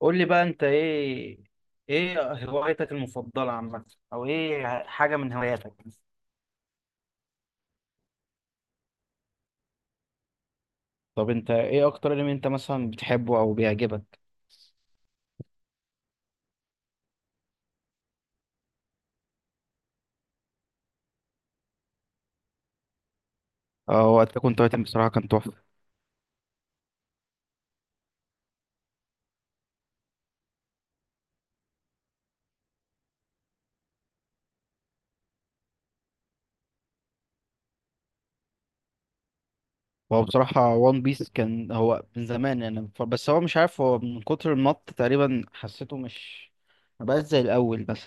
قول لي بقى، انت ايه ايه هوايتك المفضلة عامة، او ايه حاجة من هواياتك؟ طب انت ايه اكتر انمي انت مثلا بتحبه او بيعجبك؟ اه، وقت كنت تايتن بصراحه كان تحفه. هو بصراحه وان بيس كان هو من زمان، يعني بس هو مش عارف، هو من كتر المط تقريبا حسيته مش، ما بقاش زي الاول، بس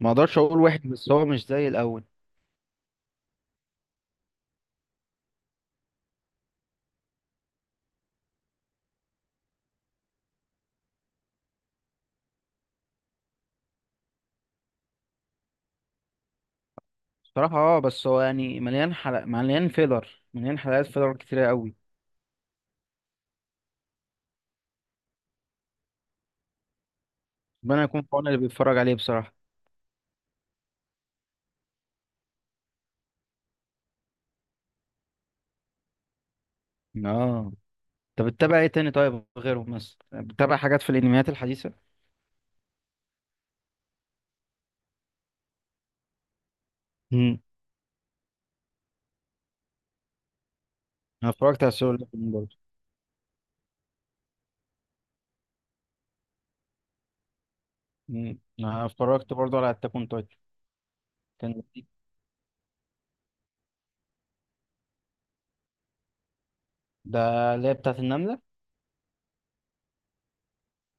ما اقدرش اقول واحد، بس هو مش زي الاول. بصراحه اه، بس هو يعني مليان حلقة، مليان فيلر، مليان حلقات فيلر كتيره قوي. ربنا يكون في عون اللي بيتفرج عليه بصراحه. اه، طب بتتابع ايه تاني؟ طيب غيرهم مثلا، بتتابع حاجات في الانميات الحديثه؟ امم. انا اتفرجت على سولو ليفلينج برضه. مم. انا اتفرجت برضه على اتاك اون تايتن. كان لطيف. ده اللي هي بتاعت النمله.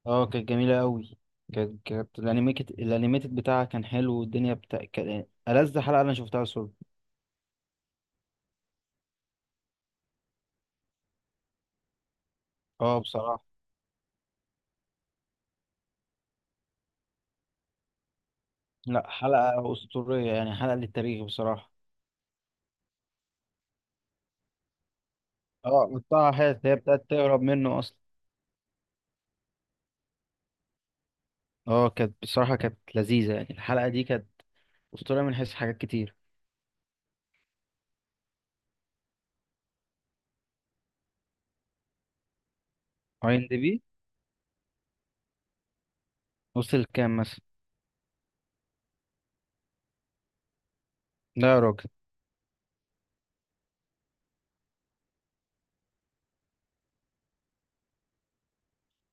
اه، كانت جميله قوي. كانت الانيميتد بتاعها كان حلو، والدنيا بتاع كان ألذ حلقه انا شفتها سولو. اه بصراحه. لا، حلقه اسطوريه، يعني حلقه للتاريخ بصراحه. اه، قطعها حتت، هي بتاعت تهرب منه اصلا. اه كانت بصراحه، كانت لذيذه، يعني الحلقه دي كانت اسطوريه من حيث حاجات كتير. IMDB. وصل كام مثلا؟ لا يا راجل.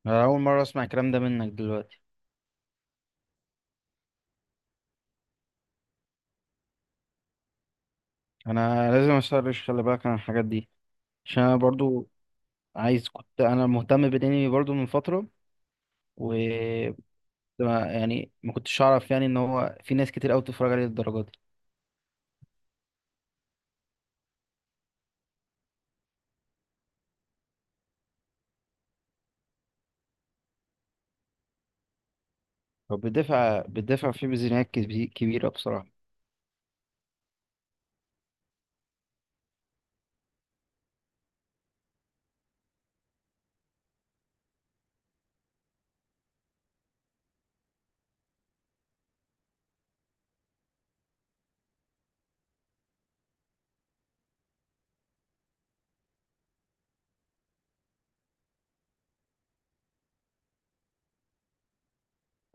أنا أول مرة أسمع الكلام ده منك دلوقتي. أنا لازم أسرش، خلي بالك عن الحاجات دي، عشان أنا برضو كنت أنا مهتم بالأنمي برضو من فترة. و... يعني ما كنتش أعرف، يعني إن هو في ناس كتير أوي بتتفرج عليه للدرجة دي. هو بيدفع فيه ميزانيات كبيرة بصراحة.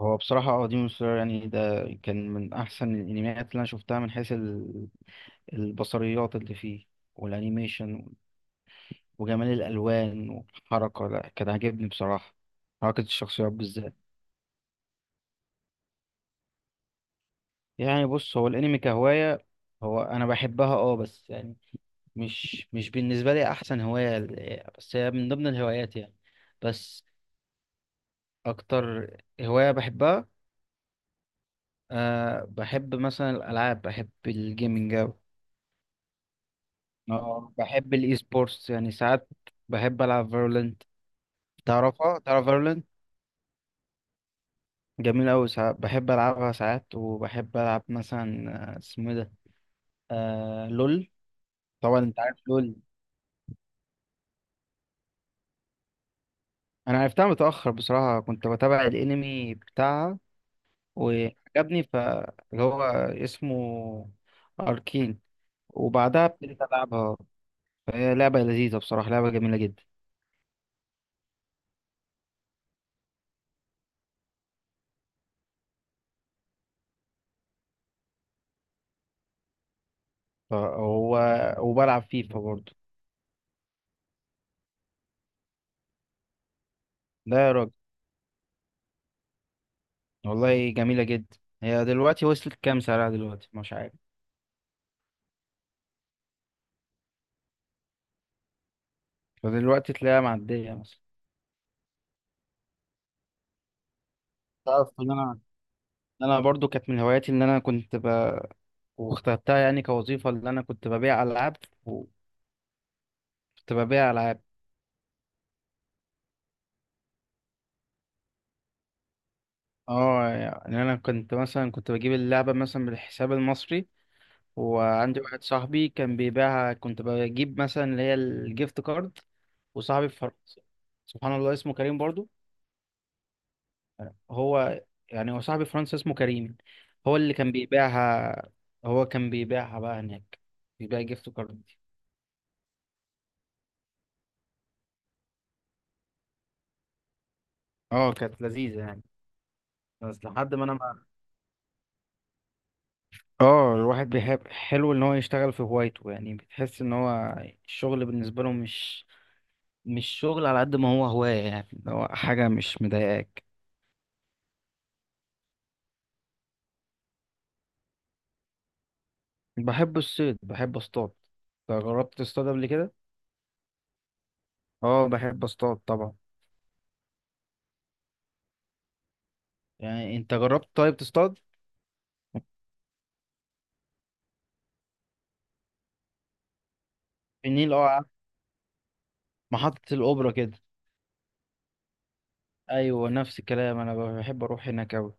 هو بصراحة اه، ديمون سلاير يعني ده كان من أحسن الأنميات اللي أنا شفتها من حيث البصريات اللي فيه، والأنيميشن، وجمال الالوان والحركه. لا، كان عاجبني بصراحه، حركه الشخصيات بالذات. يعني بص، هو الانمي كهوايه، هو انا بحبها اه، بس يعني مش بالنسبه لي احسن هوايه، بس هي من ضمن الهوايات يعني. بس، اكتر هوايه بحبها، أه، بحب مثلا الالعاب، بحب الجيمنج أوي. اه، بحب الاي سبورتس يعني ساعات، بحب العب فيرولنت. تعرفها؟ تعرف فيرولنت؟ جميل أوي، ساعات بحب ألعبها، ساعات، وبحب ألعب مثلا اسمه إيه ده، آه، لول طبعا. انت عارف لول. انا عرفتها متأخر بصراحة، كنت بتابع الانمي بتاعها وعجبني، ف... اللي هو اسمه اركين. وبعدها ابتديت العبها، فهي لعبة لذيذة بصراحة، لعبة جميلة جدا. فهو، وبلعب فيفا برضه. لا يا راجل، والله جميلة جدا. هي دلوقتي وصلت كام سعرها دلوقتي، مش عارف؟ فدلوقتي تلاقيها معدية مثلا. تعرف ان انا، إن انا برضو كانت من هواياتي، ان انا كنت واخترتها يعني كوظيفة، اللي أنا كنت ببيع ألعاب، وكنت ببيع ألعاب. اه يعني أنا كنت مثلا كنت بجيب اللعبة مثلا بالحساب المصري، وعندي واحد صاحبي كان بيبيعها، كنت بجيب مثلا اللي هي الجيفت كارد، وصاحبي في فرنسا، سبحان الله اسمه كريم برضو. هو، يعني هو صاحبي في فرنسا اسمه كريم، هو اللي كان بيبيعها، هو كان بيبيعها بقى هناك، بيبيع جيفت كارد دي. اه، كانت لذيذة يعني. بس لحد ما أنا، اه، الواحد بيحب، حلو ان هو يشتغل في هوايته، يعني بتحس ان هو الشغل بالنسبه له مش، مش شغل على قد ما هو هوايه، يعني اللي هو حاجه مش مضايقاك. بحب الصيد، بحب اصطاد. انت جربت تصطاد قبل كده؟ اه، بحب اصطاد طبعا. يعني انت جربت طيب تصطاد؟ في النيل، اه، محطه الاوبرا كده. ايوه، نفس الكلام، انا بحب اروح هناك اوي.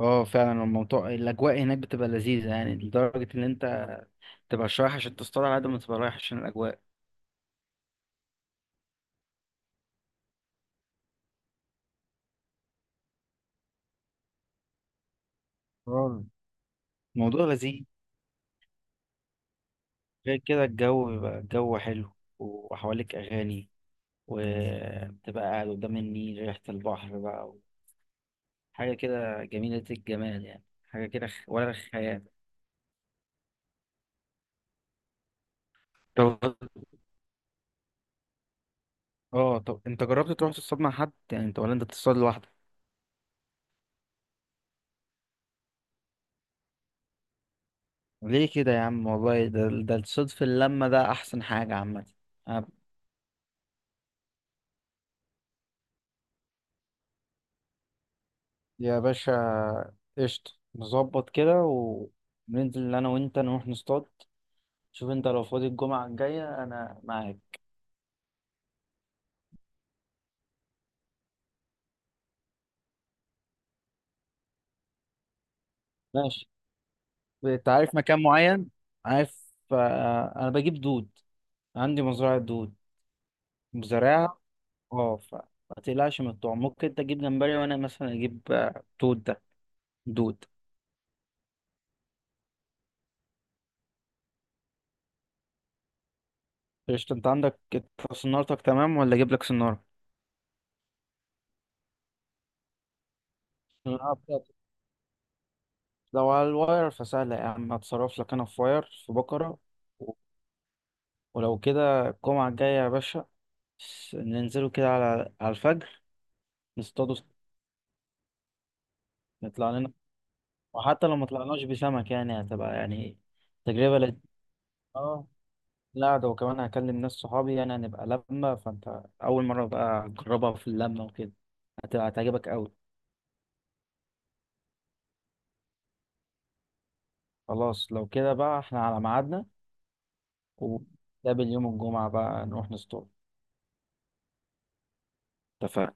اه فعلا، الموضوع، الاجواء هناك بتبقى لذيذه، يعني لدرجه ان انت تبقى رايح عشان تصطاد على قد ما تبقى رايح عشان الاجواء. اه الموضوع لذيذ، غير كده الجو بيبقى، الجو حلو، وحواليك أغاني، وبتبقى قاعد قدام النيل، ريحة البحر بقى، حاجة كده جميلة، الجمال يعني، حاجة كده ولا خيال. طب، اه، طب انت جربت تروح تصطاد مع حد، يعني انت ولا انت بتصطاد لوحدك؟ ليه كده يا عم، والله ده الصيد في اللمة ده أحسن حاجة عامة. أنا، يا باشا قشطة، نظبط كده، وننزل أنا وأنت نروح نصطاد. شوف أنت لو فاضي الجمعة الجاية أنا معاك. ماشي. انت عارف مكان معين؟ عارف. انا بجيب دود، عندي مزرعة دود، مزرعة. اه، ما تقلقش من الطعم، ممكن انت تجيب جمبري، وانا مثلا اجيب دود ده، دود. قشطة، انت عندك إنت صنارتك تمام، ولا اجيب لك صنارة؟ الصنارة بتاعتك، لو على الواير فسهلة يا عم، هتصرف لك، انا في واير في بكرة، و- ولو كده الجمعة الجاية يا باشا ننزلوا كده على الفجر نصطادوا، نطلع لنا. وحتى لو ما طلعناش بسمك، يعني هتبقى يعني تجربة لذيذة. اه، لا، ده وكمان هكلم ناس صحابي، يعني هنبقى لمة، فانت أول مرة بقى تجربها في اللمة وكده، هتبقى هتعجبك أوي. خلاص، لو كده بقى احنا على ميعادنا، ونتقابل يوم الجمعة بقى، نروح نسطول. اتفقنا.